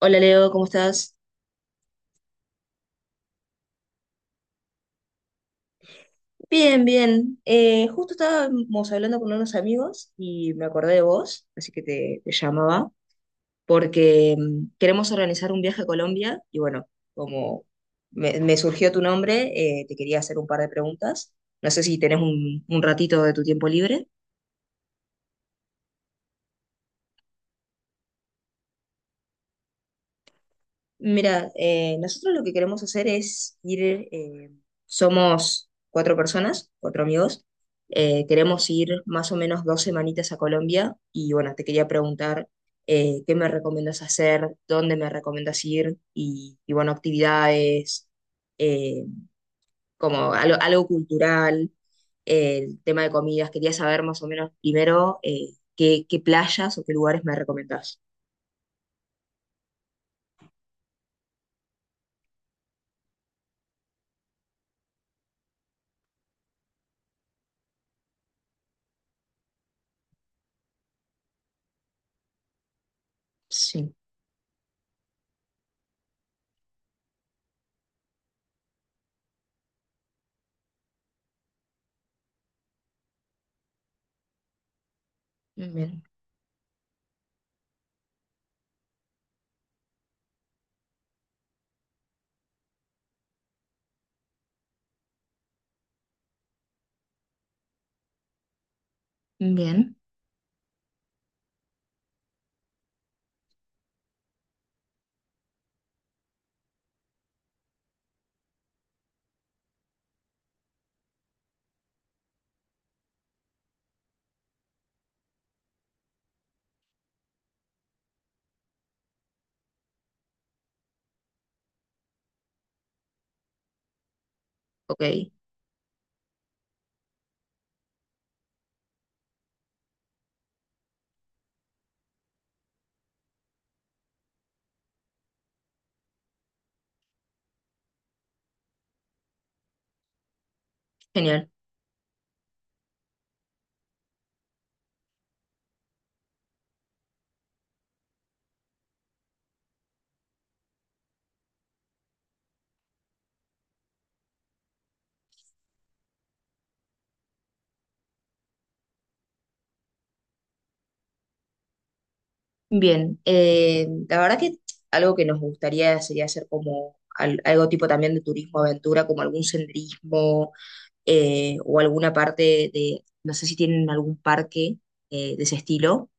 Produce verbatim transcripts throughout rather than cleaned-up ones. Hola Leo, ¿cómo estás? Bien, bien. Eh, justo estábamos hablando con unos amigos y me acordé de vos, así que te, te llamaba, porque mm, queremos organizar un viaje a Colombia y bueno, como me, me surgió tu nombre, eh, te quería hacer un par de preguntas. No sé si tenés un, un ratito de tu tiempo libre. Mira, eh, nosotros lo que queremos hacer es ir, eh, somos cuatro personas, cuatro amigos, eh, queremos ir más o menos dos semanitas a Colombia y bueno, te quería preguntar eh, qué me recomiendas hacer, dónde me recomiendas ir y, y, bueno, actividades, eh, como algo, algo cultural, eh, el tema de comidas, quería saber más o menos primero eh, qué, qué playas o qué lugares me recomendás. Sí, bien. Bien. Ok, genial. Bien, eh, la verdad que algo que nos gustaría sería hacer como al- algo tipo también de turismo aventura, como algún senderismo eh, o alguna parte de, no sé si tienen algún parque eh, de ese estilo.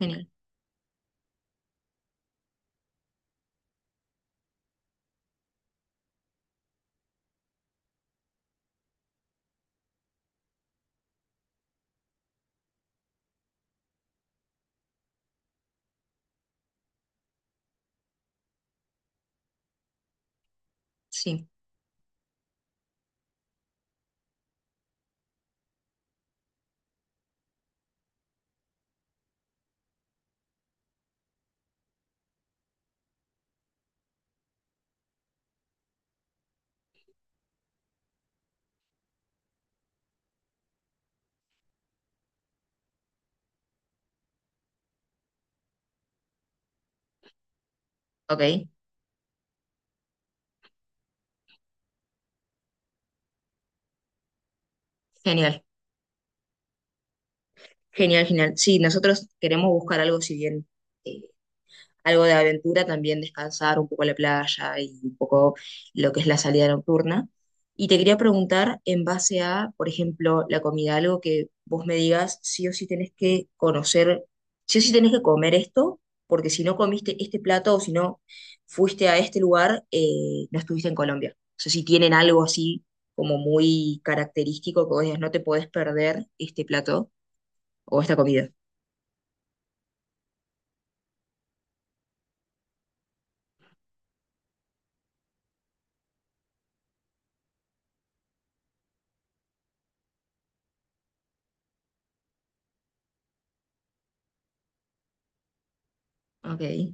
Genial, sí, ok, genial, genial, genial. Sí, nosotros queremos buscar algo si bien eh, algo de aventura, también descansar un poco la playa y un poco lo que es la salida nocturna. Y te quería preguntar en base a, por ejemplo, la comida, algo que vos me digas, sí o sí tenés que conocer, sí o sí tenés que comer esto, porque si no comiste este plato o si no fuiste a este lugar, eh, no estuviste en Colombia. O sea, si tienen algo así como muy característico que vos digas, no te podés perder este plato o esta comida. Ok,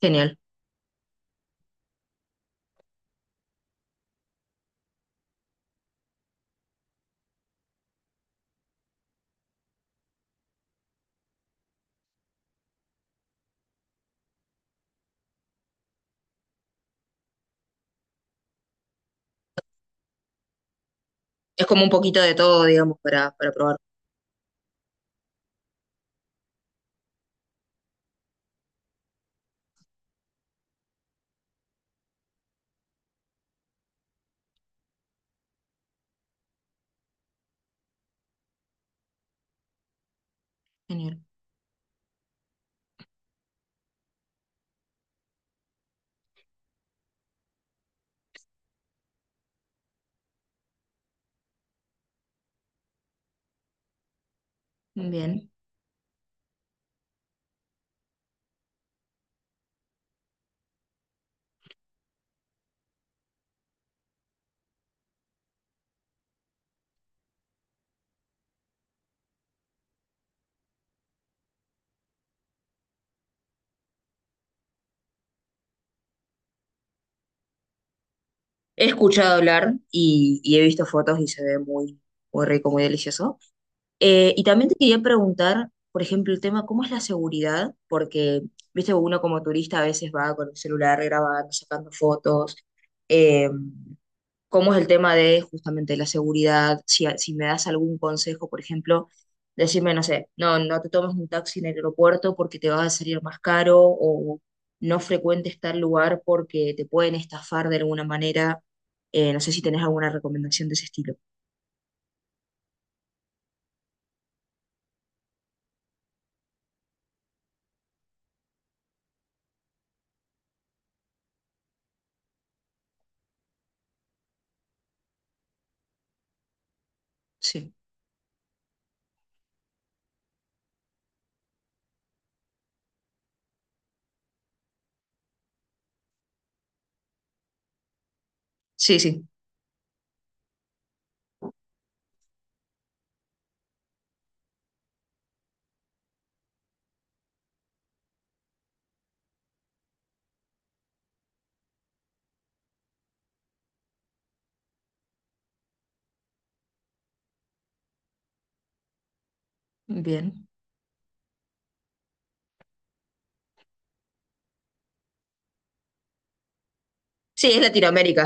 genial. Es como un poquito de todo, digamos, para, para probar. Genial. Bien. He escuchado hablar y, y he visto fotos y se ve muy, muy rico, muy delicioso. Eh, y también te quería preguntar, por ejemplo, el tema, ¿cómo es la seguridad? Porque, viste, uno como turista a veces va con el celular grabando, sacando fotos. em, ¿Cómo es el tema de justamente la seguridad? Si, si me das algún consejo, por ejemplo, decirme, no sé, no, no te tomes un taxi en el aeropuerto porque te va a salir más caro o no frecuentes tal lugar porque te pueden estafar de alguna manera. Eh, no sé si tenés alguna recomendación de ese estilo. Sí. Sí, sí. Bien. Sí, es Latinoamérica.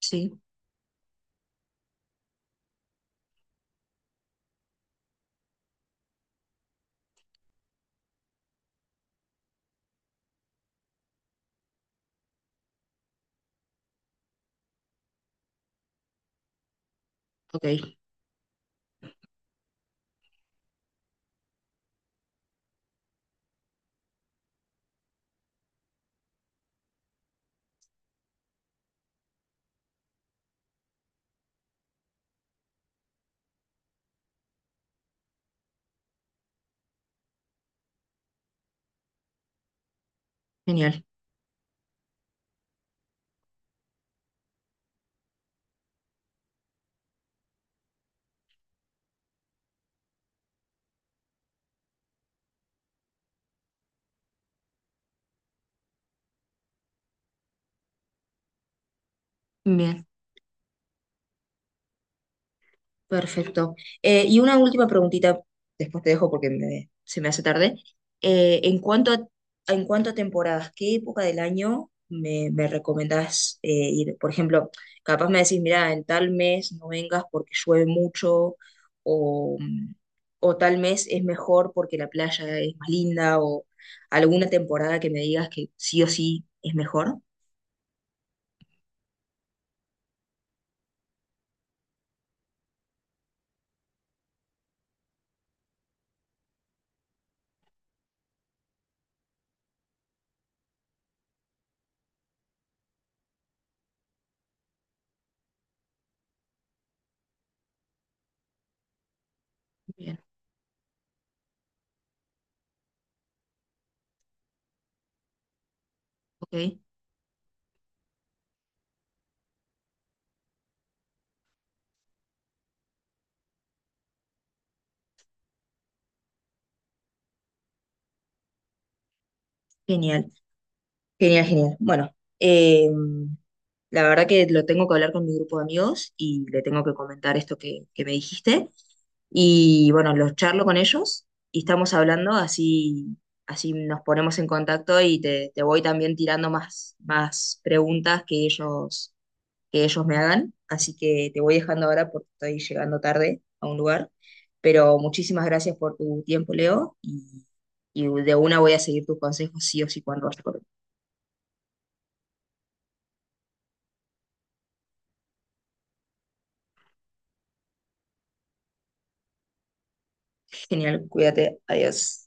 Sí. Ok, genial. Bien. Perfecto. Eh, y una última preguntita, después te dejo porque me- se me hace tarde. Eh, en cuanto a, en cuanto a temporadas, ¿qué época del año me, me recomendás eh, ir? Por ejemplo, capaz me decís, mira, en tal mes no vengas porque llueve mucho, o, mm, o tal mes es mejor porque la playa es más linda, o alguna temporada que me digas que sí o sí es mejor. Bien, ok. Genial, genial, genial. Bueno. em, La verdad que lo tengo que hablar con mi grupo de amigos y le tengo que comentar esto que, que me dijiste. Y bueno, los charlo con ellos y estamos hablando, así, así nos ponemos en contacto y te, te voy también tirando más, más preguntas que ellos, que ellos me hagan. Así que te voy dejando ahora porque estoy llegando tarde a un lugar. Pero muchísimas gracias por tu tiempo, Leo, y, y de una voy a seguir tus consejos sí o sí cuando vaya por. Genial, cuídate, adiós.